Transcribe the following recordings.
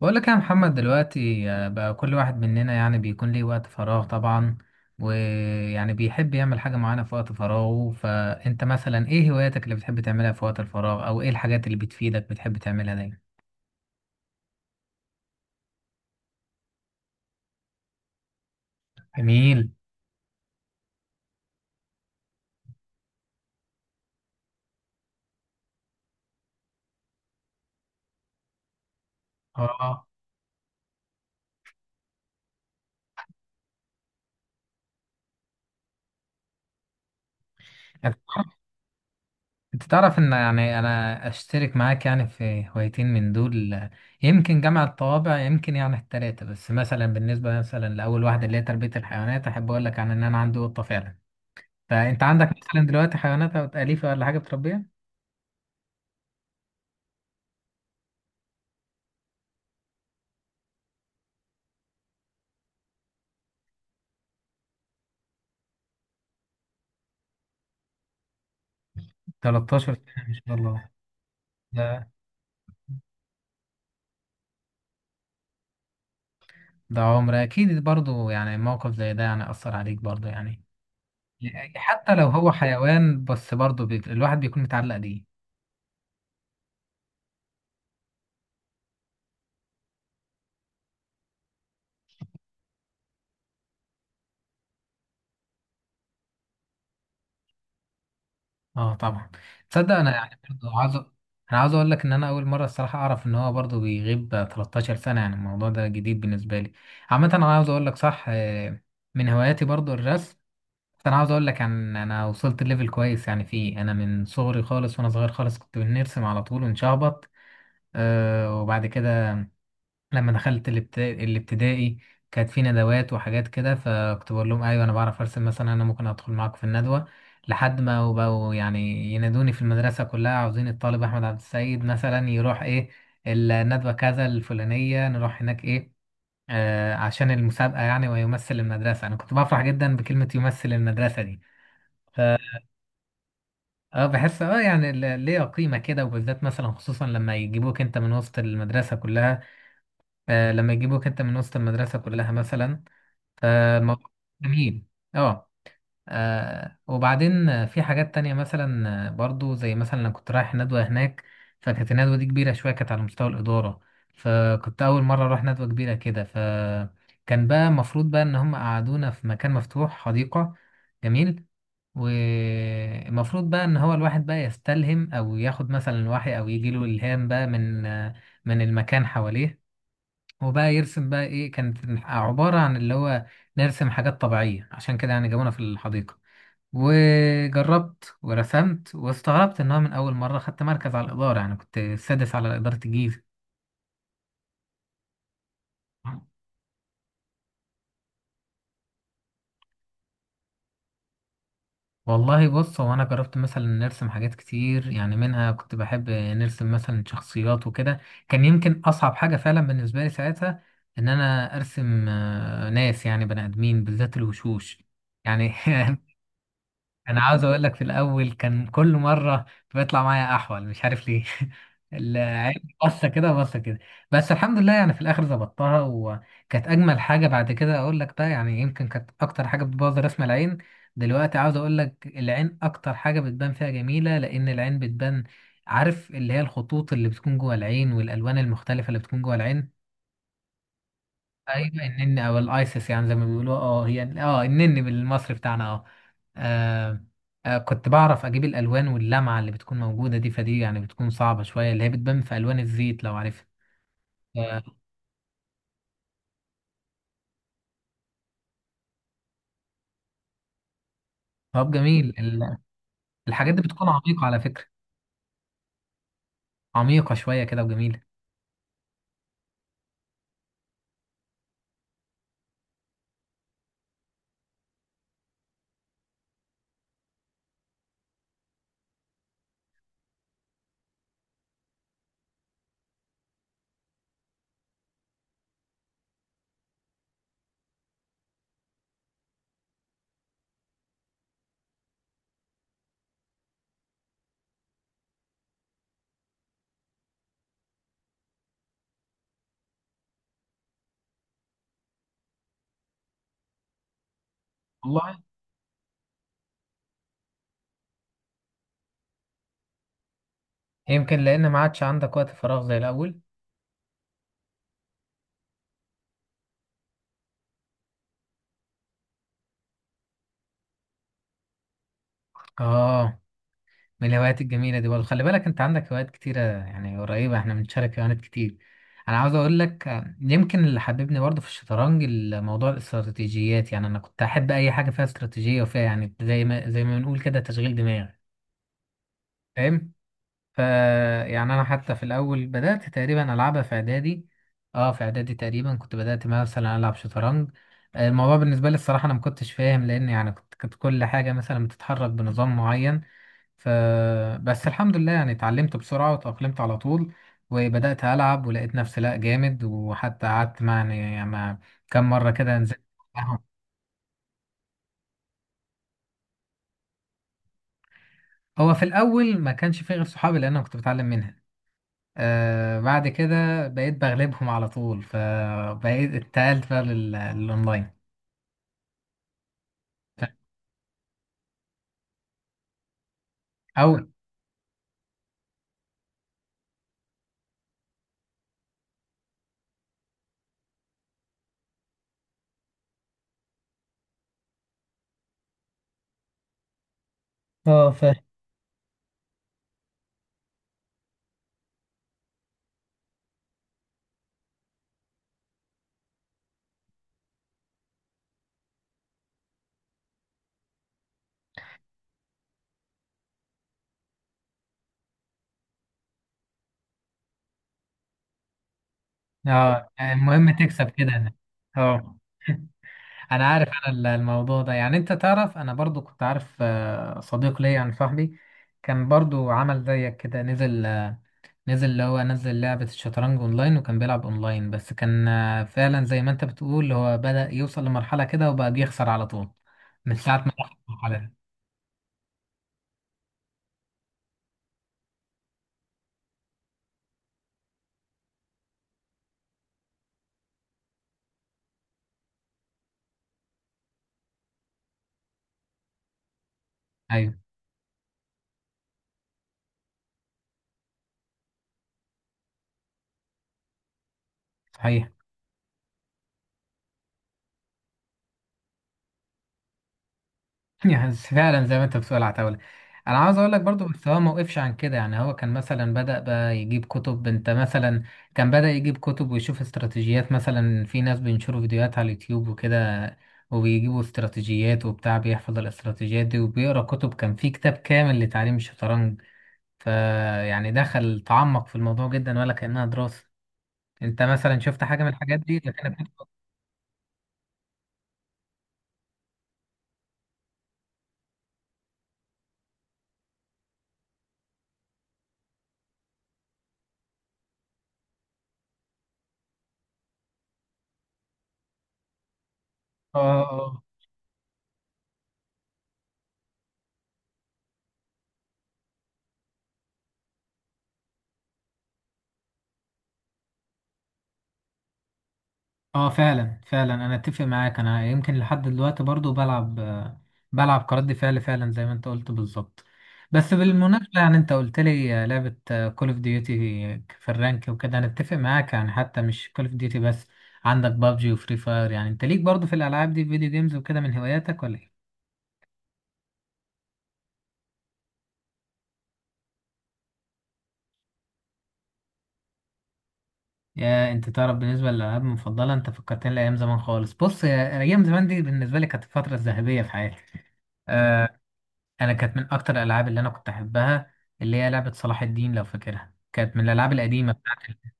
بقول لك يا محمد دلوقتي، بقى كل واحد مننا يعني بيكون ليه وقت فراغ طبعا، ويعني بيحب يعمل حاجة معينة في وقت فراغه. فأنت مثلا إيه هواياتك اللي بتحب تعملها في وقت الفراغ، أو إيه الحاجات اللي بتفيدك بتحب تعملها دايما؟ جميل. آه أنت تعرف أنت تعرف إن يعني أنا أشترك معاك يعني في هوايتين من دول، يمكن جمع الطوابع، يمكن يعني التلاتة. بس مثلا بالنسبة مثلا لأول واحدة اللي هي تربية الحيوانات، أحب أقول لك عن إن أنا عندي قطة فعلا. فانت عندك مثلا دلوقتي حيوانات أليفة ولا حاجة بتربيها؟ 13 سنة، ما شاء الله. ده ده عمر، أكيد برضو يعني موقف زي ده يعني أثر عليك برضو، يعني حتى لو هو حيوان بس برضو الواحد بيكون متعلق بيه. اه، طبعا. تصدق أنا يعني برضو عاوز، أنا عاوز أقول لك إن أنا أول مرة الصراحة أعرف إن هو برضو بيغيب 13 سنة. يعني الموضوع ده جديد بالنسبة لي. عامة، أنا عاوز أقول لك صح. من هواياتي برضو الرسم. بس انا عاوز اقول لك عن انا وصلت ليفل كويس يعني فيه. انا من صغري خالص، وانا صغير خالص كنت بنرسم على طول ونشخبط. وبعد كده لما دخلت الابتدائي، كانت في ندوات وحاجات كده، فكنت بقول لهم ايوه انا بعرف ارسم، مثلا انا ممكن ادخل معاكم في الندوه. لحد ما وبقوا يعني ينادوني في المدرسه كلها، عاوزين الطالب احمد عبد السيد مثلا يروح ايه الندوه كذا الفلانيه، نروح هناك ايه، عشان المسابقه، يعني ويمثل المدرسه. انا كنت بفرح جدا بكلمه يمثل المدرسه دي. اه، بحس، يعني ليها قيمة كده، وبالذات مثلا خصوصا لما يجيبوك انت من وسط المدرسة كلها. لما يجيبوك انت من وسط المدرسة كلها مثلا، فالموضوع جميل. اه. وبعدين، في حاجات تانية مثلا، برضو زي مثلا انا كنت رايح ندوة هناك. فكانت الندوة دي كبيرة شوية، كانت على مستوى الإدارة. فكنت أول مرة أروح ندوة كبيرة كده، فكان بقى المفروض بقى إن هم قعدونا في مكان مفتوح، حديقة. جميل. والمفروض بقى ان هو الواحد بقى يستلهم او ياخد مثلا الوحي او يجي له الهام بقى من المكان حواليه، وبقى يرسم بقى. ايه كانت عبارة عن اللي هو نرسم حاجات طبيعية، عشان كده يعني جابونا في الحديقة. وجربت ورسمت، واستغربت ان هو من اول مرة خدت مركز على الإدارة. يعني كنت السادس على إدارة الجيزة. والله بص، هو انا جربت مثلا نرسم حاجات كتير، يعني منها كنت بحب نرسم مثلا شخصيات وكده. كان يمكن اصعب حاجة فعلا بالنسبة لي ساعتها ان انا ارسم، ناس، يعني بني ادمين، بالذات الوشوش. يعني انا عاوز اقول لك في الاول كان كل مره بيطلع معايا احول، مش عارف ليه. العين. بصه كده، بصه كده. بس الحمد لله يعني في الاخر ظبطتها، وكانت اجمل حاجه بعد كده. اقول لك بقى يعني يمكن كانت اكتر حاجه بتبوظ رسم، العين. دلوقتي عاوز اقول لك العين اكتر حاجه بتبان فيها جميله، لان العين بتبان. عارف اللي هي الخطوط اللي بتكون جوه العين، والالوان المختلفه اللي بتكون جوه العين. ايوه، النن او الايسس يعني زي ما بيقولوا. اه هي، النن بالمصري بتاعنا آه، كنت بعرف اجيب الالوان واللمعه اللي بتكون موجوده دي. فدي يعني بتكون صعبه شويه، اللي هي بتبان في الوان الزيت لو عارفها. آه، طب جميل. الحاجات دي بتكون عميقه على فكره. عميقه شويه كده، وجميله. والله يمكن لان ما عادش عندك وقت فراغ زي الاول. اه، من الهوايات الجميلة دي برضه. خلي بالك انت عندك هوايات كتيرة، يعني قريبة، احنا بنشارك هوايات كتير. انا عاوز اقول لك، يمكن اللي حببني برضه في الشطرنج الموضوع الاستراتيجيات. يعني انا كنت احب اي حاجة فيها استراتيجية، وفيها يعني زي ما بنقول كده تشغيل دماغ، فاهم. ف يعني انا حتى في الاول بدأت تقريبا العبها في اعدادي. اه في اعدادي تقريبا كنت بدأت مثلا العب شطرنج. الموضوع بالنسبة لي الصراحة انا ما كنتش فاهم، لان يعني كنت كل حاجة مثلا بتتحرك بنظام معين. ف بس الحمد لله يعني اتعلمت بسرعة وتأقلمت على طول. وبدأت ألعب، ولقيت نفسي لا جامد، وحتى قعدت مع كم مرة كده نزلت معاهم. هو في الأول ما كانش فيه غير صحابي، لأن أنا كنت بتعلم منها. بعد كده بقيت بغلبهم على طول، فبقيت اتقلت بقى للأونلاين. أو اه، فاهم. اه، المهم تكسب كده. أنا، اه، انا عارف انا الموضوع ده. يعني انت تعرف انا برضو كنت عارف، صديق ليا يعني صاحبي، كان برضو عمل زيك كده، نزل آه، نزل اللي هو نزل لعبة الشطرنج اونلاين. وكان بيلعب اونلاين، بس كان، فعلا زي ما انت بتقول، هو بدأ يوصل لمرحلة كده، وبقى بيخسر على طول من ساعة ما دخل المرحلة دي. ايوه، صحيح. يعني فعلا زي ما انت بتقول، عتاولة. انا عاوز اقول لك برضو، بس هو ما وقفش عن كده. يعني هو كان مثلا بدأ بقى يجيب كتب. انت مثلا، كان بدأ يجيب كتب ويشوف استراتيجيات، مثلا في ناس بينشروا فيديوهات على اليوتيوب وكده، وبيجيبوا استراتيجيات وبتاع، بيحفظ الاستراتيجيات دي، وبيقرأ كتب. كان في كتاب كامل لتعليم الشطرنج. فيعني دخل تعمق في الموضوع جدا، ولا كأنها دراسة. انت مثلا شفت حاجة من الحاجات دي؟ ده كانت. اه، فعلا فعلا انا اتفق معاك. انا يمكن لحد دلوقتي برضو بلعب، بلعب كرد فعل، فعلا زي ما انت قلت بالظبط. بس بالمناسبة، يعني انت قلت لي، لعبة كول اوف ديوتي في الرانك وكده. انا اتفق معاك، يعني حتى مش كول اوف ديوتي بس، عندك بابجي وفري فاير. يعني انت ليك برضو في الالعاب دي، فيديو جيمز وكده من هواياتك ولا ايه؟ يا انت تعرف، بالنسبة للالعاب المفضلة، انت فكرتني لايام زمان خالص. بص ايام زمان دي بالنسبة لي كانت الفترة الذهبية في حياتي. آه، انا كانت من اكتر الالعاب اللي انا كنت احبها، اللي هي لعبه صلاح الدين لو فاكرها. كانت من الالعاب القديمه بتاعت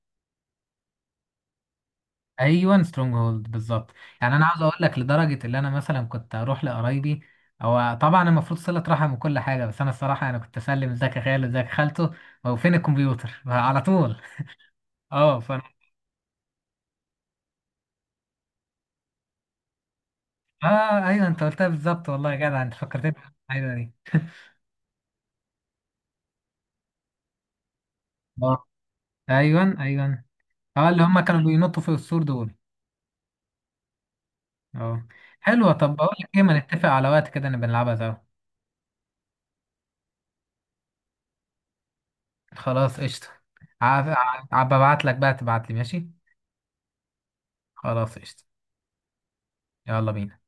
ايوه، سترونج هولد بالظبط. يعني انا عاوز اقول لك لدرجه اللي انا مثلا كنت اروح لقرايبي، هو طبعا المفروض صله رحم وكل حاجه. بس انا الصراحه، انا كنت اسلم ازيك يا خالد، ازيك يا خالته. هو فين الكمبيوتر؟ على طول. اه، فانا. اه، ايوه، انت قلتها بالظبط. والله يا جدع، انت فكرتني. ايوه دي. اه، ايوه، ايوه. اه، اللي هم كانوا بينطوا في السور دول. اه، حلوه. طب بقول لك ايه، ما نتفق على وقت كده نبقى نلعبها سوا. خلاص، قشطة. عب- ببعت لك بقى، تبعت لي ماشي. خلاص، قشطة. يلا بينا.